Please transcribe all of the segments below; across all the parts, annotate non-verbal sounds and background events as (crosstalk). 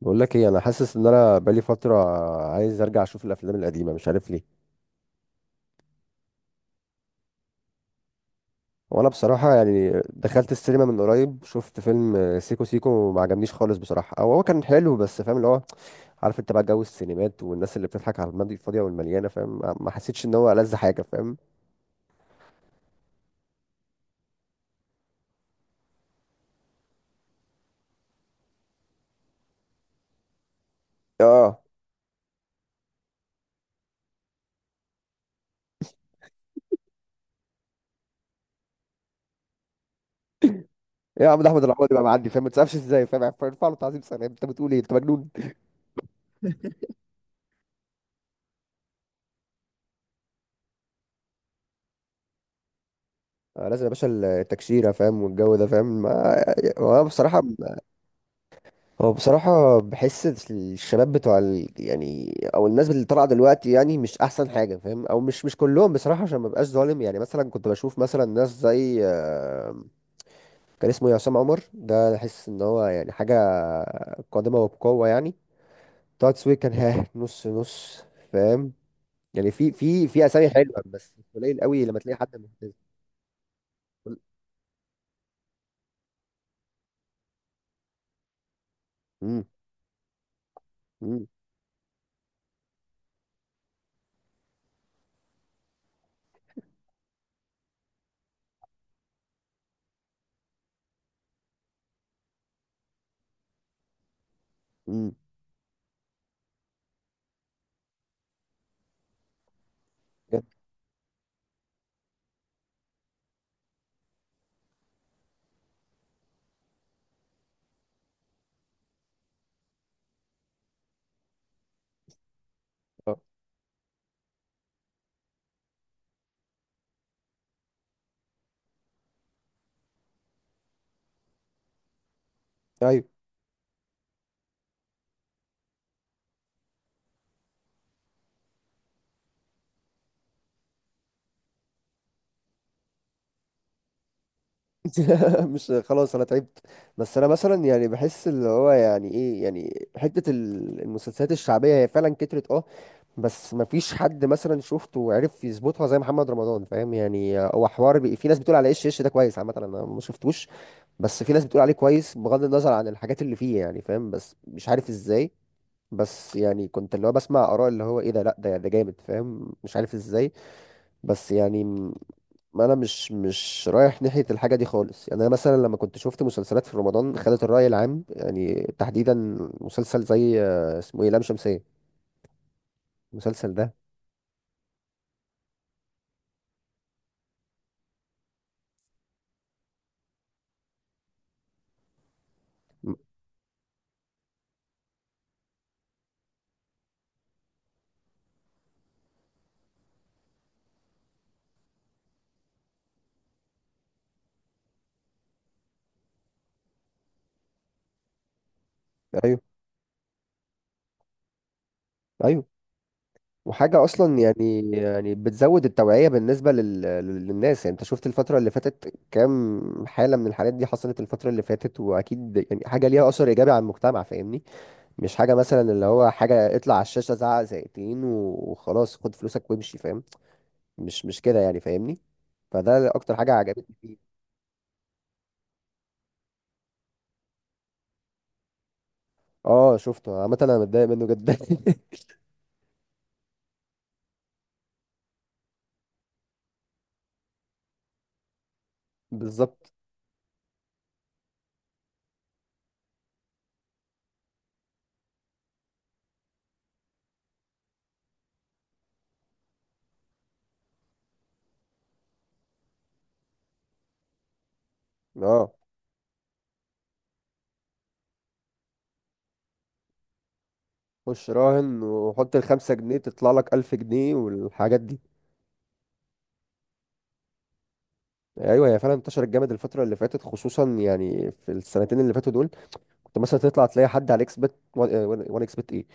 بقول لك ايه، انا حاسس ان انا بقالي فتره عايز ارجع اشوف الافلام القديمه، مش عارف ليه. وانا بصراحه يعني دخلت السينما من قريب، شفت فيلم سيكو سيكو وما عجبنيش خالص بصراحه. او هو كان حلو بس فاهم اللي هو، عارف انت بقى جو السينمات والناس اللي بتضحك على الماضي الفاضيه والمليانه، فاهم؟ ما حسيتش ان هو ألذ حاجه، فاهم؟ اه، يا عم ده احمد العوضي بقى معدي، فاهم؟ ما تسقفش ازاي؟ فاهم، ارفع له تعظيم سلام. انت بتقول ايه؟ انت مجنون؟ آه لازم يا باشا، التكشيره فاهم، والجو ده، فاهم؟ هو أنا بصراحه، هو بصراحة بحس الشباب بتوع يعني، أو الناس اللي طالعة دلوقتي يعني مش أحسن حاجة، فاهم؟ أو مش كلهم بصراحة، عشان ما بقاش ظالم. يعني مثلا كنت بشوف مثلا ناس زي كان اسمه عصام عمر، ده أحس إن هو يعني حاجة قادمة وبقوة يعني. طه دسوقي كان ها نص نص، فاهم؟ يعني في أسامي حلوة بس قليل قوي لما تلاقي حد مهتم. أمم، أمم، أمم. بجد. آه. أيوه. (laughs) مش، خلاص انا تعبت. بس انا مثلا يعني بحس اللي هو يعني ايه، يعني حتة المسلسلات الشعبية هي فعلا كترت اه. بس ما فيش حد مثلا شفته وعرف يظبطها زي محمد رمضان، فاهم؟ يعني هو حوار في ناس بتقول على ايش، ايش ده كويس؟ عامة انا ما شفتوش. بس في ناس بتقول عليه كويس بغض النظر عن الحاجات اللي فيه، يعني فاهم؟ بس مش عارف ازاي. بس يعني كنت اللي هو بسمع اراء اللي هو ايه ده، لا ده جامد، فاهم؟ مش عارف ازاي. بس يعني ما انا مش رايح ناحيه الحاجه دي خالص. يعني انا مثلا لما كنت شفت مسلسلات في رمضان، خدت الراي العام يعني تحديدا مسلسل زي اسمه ايه، لام شمسيه. المسلسل ده. م- ايوه. ايوه، وحاجه اصلا يعني، يعني بتزود التوعيه بالنسبه للناس، يعني انت شفت الفتره اللي فاتت كام حاله من الحالات دي حصلت الفتره اللي فاتت، واكيد يعني حاجه ليها اثر ايجابي على المجتمع، فاهمني؟ مش حاجه مثلا اللي هو حاجه اطلع على الشاشه، زعق زقتين وخلاص خد فلوسك وامشي، فاهم؟ مش كده يعني، فاهمني؟ فده اكتر حاجه عجبتني فيه. اه شفته، عامه انا متضايق منه جدا. (laughs) بالظبط. اه، خش راهن وحط الخمسة جنيه تطلع لك ألف جنيه والحاجات دي. ايوه، هي فعلا انتشرت جامد الفتره اللي فاتت، خصوصا يعني في السنتين اللي فاتوا دول. كنت مثلا تطلع تلاقي حد على اكس بت، وان اكس بت ايه.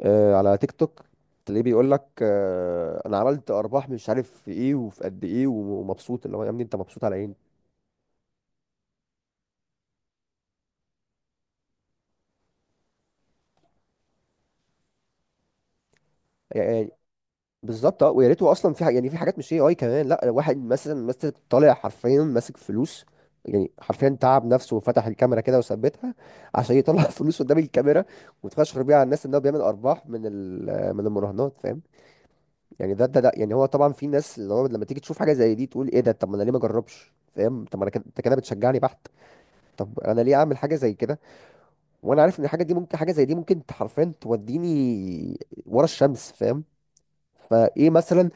آه، على تيك توك. تلاقيه بيقول لك آه انا عملت ارباح، مش عارف في ايه وفي قد ايه ومبسوط. اللي هو يا ابني انت مبسوط على ايه يعني؟ بالظبط. اه ويا ريته اصلا في حاجة، يعني في حاجات مش اي كمان. لا، واحد مثلا، مثلا طالع حرفيا ماسك فلوس، يعني حرفيا تعب نفسه وفتح الكاميرا كده وثبتها عشان يطلع (laughs) فلوس قدام الكاميرا وتفشخر بيها على الناس ان هو بيعمل ارباح من من المراهنات، فاهم؟ يعني ده يعني، هو طبعا في ناس اللي هو لما تيجي تشوف حاجه زي دي تقول ايه ده، طب ما انا ليه ما اجربش، فاهم؟ طب ما انا كده، انت كده بتشجعني بحت. طب انا ليه اعمل حاجه زي كده وانا عارف ان الحاجه دي ممكن، حاجه زي دي ممكن حرفيا توديني ورا الشمس، فاهم؟ فايه مثلا،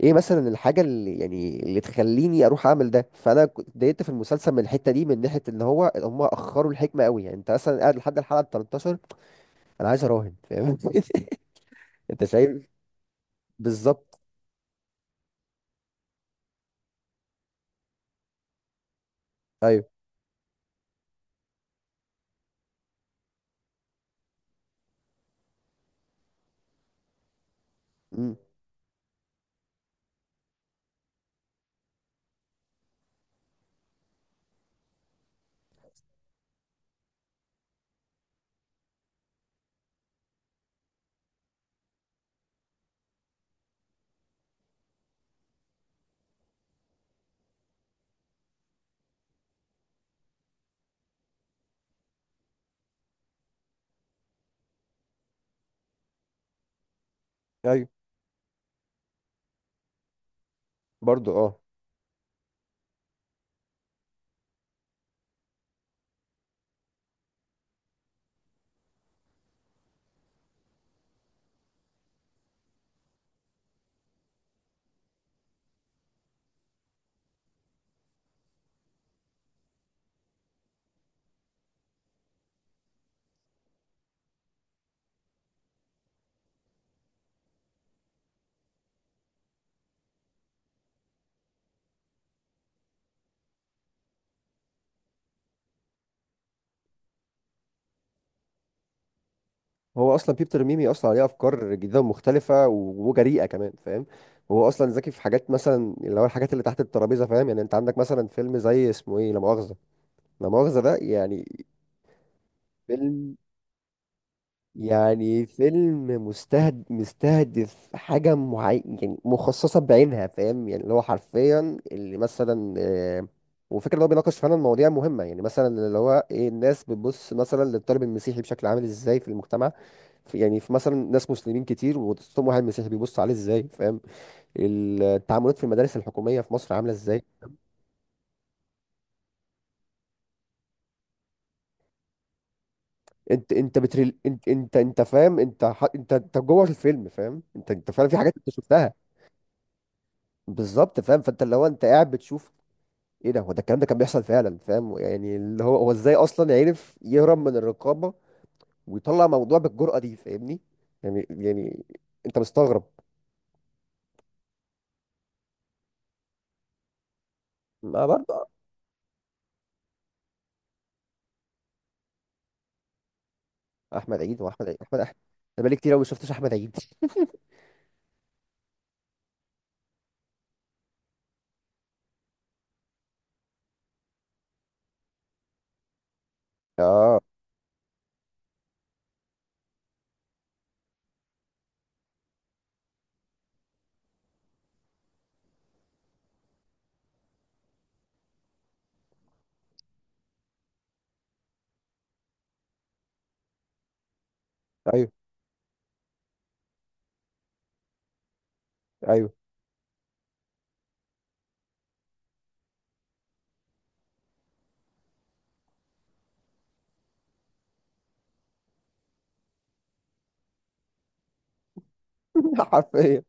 ايه مثلا الحاجه اللي يعني اللي تخليني اروح اعمل ده؟ فانا كنت اتضايقت في المسلسل من الحته دي، من ناحيه ان هو هم اخروا الحكمه قوي يعني. انت مثلا قاعد لحد الحلقه 13 انا عايز اراهن، فاهم؟ (laughs) انت شايف؟ بالظبط. ايوه. امم. ايوه. برضو اه. هو اصلا بيبتر ميمي اصلا عليه افكار جديده ومختلفه وجريئه كمان، فاهم؟ هو اصلا ذكي في حاجات مثلا اللي هو الحاجات اللي تحت الترابيزه، فاهم؟ يعني انت عندك مثلا فيلم زي اسمه ايه، لا مؤاخذه. لا مؤاخذه ده يعني فيلم، يعني فيلم مستهدف حاجة معينة، يعني مخصصة بعينها، فاهم؟ يعني اللي هو حرفيا اللي مثلا وفكرة اللي هو بيناقش فعلا مواضيع مهمة، يعني مثلا اللي هو ايه، الناس بتبص مثلا للطالب المسيحي بشكل عامل ازاي في المجتمع. في، يعني في مثلا ناس مسلمين كتير وتصوم، واحد مسيحي بيبص عليه ازاي، فاهم؟ التعاملات في المدارس الحكومية في مصر عاملة ازاي. انت انت بتريل، انت فاهم، انت انت جوه الفيلم، فاهم؟ انت انت فعلا في حاجات انت شفتها. بالظبط، فاهم؟ فانت اللي هو انت قاعد بتشوف ايه ده، هو ده الكلام. ده كان بيحصل فعلا، فاهم؟ يعني اللي هو هو ازاي اصلا عرف يهرب من الرقابه ويطلع موضوع بالجرأه دي، فاهمني؟ يعني، يعني انت مستغرب. ما برضه، احمد عيد، واحمد عيد احمد احمد. انا بقالي كتير قوي ما شفتش احمد عيد. (laughs) اه. ايوه. ايوه. (laughs) حرفيا.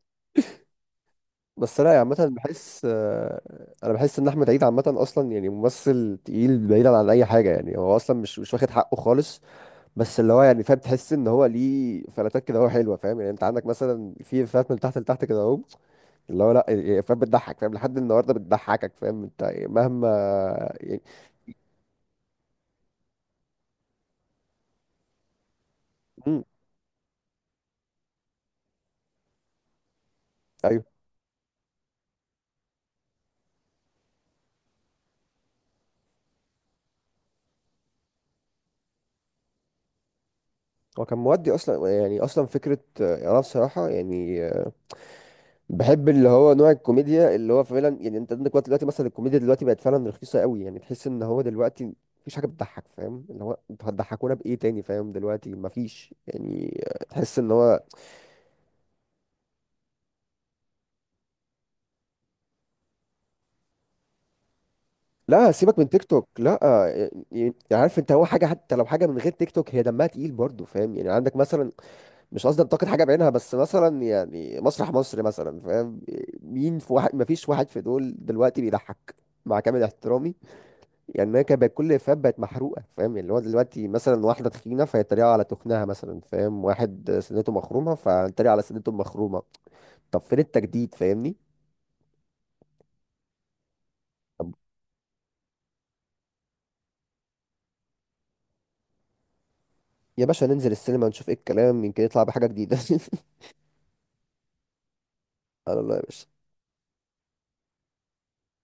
بس لا يعني عامه بحس انا بحس ان احمد عيد عامه اصلا يعني ممثل تقيل، بعيدا عن اي حاجه يعني. هو اصلا مش واخد حقه خالص. بس اللي هو يعني فاهم، تحس ان هو ليه فلاتات كده هو حلوه، فاهم؟ يعني انت عندك مثلا في فلات من تحت لتحت كده اهو، اللي هو لا يعني فاهم، بتضحك، فاهم؟ لحد النهارده بتضحكك، فاهم؟ انت يعني مهما يعني. امم. ايوه. هو كان مودي اصلا يعني، اصلا فكره انا بصراحه يعني بحب اللي هو نوع الكوميديا اللي هو فعلا، يعني انت عندك وقت دلوقتي مثلا، الكوميديا دلوقتي بقت فعلا رخيصه قوي، يعني تحس ان هو دلوقتي مفيش حاجه بتضحك، فاهم؟ اللي هو انتوا هتضحكونا بايه تاني، فاهم؟ دلوقتي مفيش يعني تحس ان هو لا، سيبك من تيك توك، لا يعني. عارف انت، هو حاجه حتى لو حاجه من غير تيك توك هي دمها تقيل برضه، فاهم؟ يعني عندك مثلا، مش قصدي انتقد حاجه بعينها، بس مثلا يعني مسرح مصر مثلا، فاهم؟ مين في واحد، ما فيش واحد في دول دلوقتي بيضحك، مع كامل احترامي. يعني انا كان بقت كل افيهات بقت محروقه، فاهم؟ يعني اللي هو دلوقتي مثلا واحده تخينه فيتريقوا على تخنها مثلا، فاهم؟ واحد سنته مخرومه فيتريقوا على سنته المخرومه. طب فين التجديد، فاهمني؟ طب يا باشا ننزل السينما نشوف ايه الكلام، يمكن يطلع بحاجه جديده. (laughs) على الله يا باشا.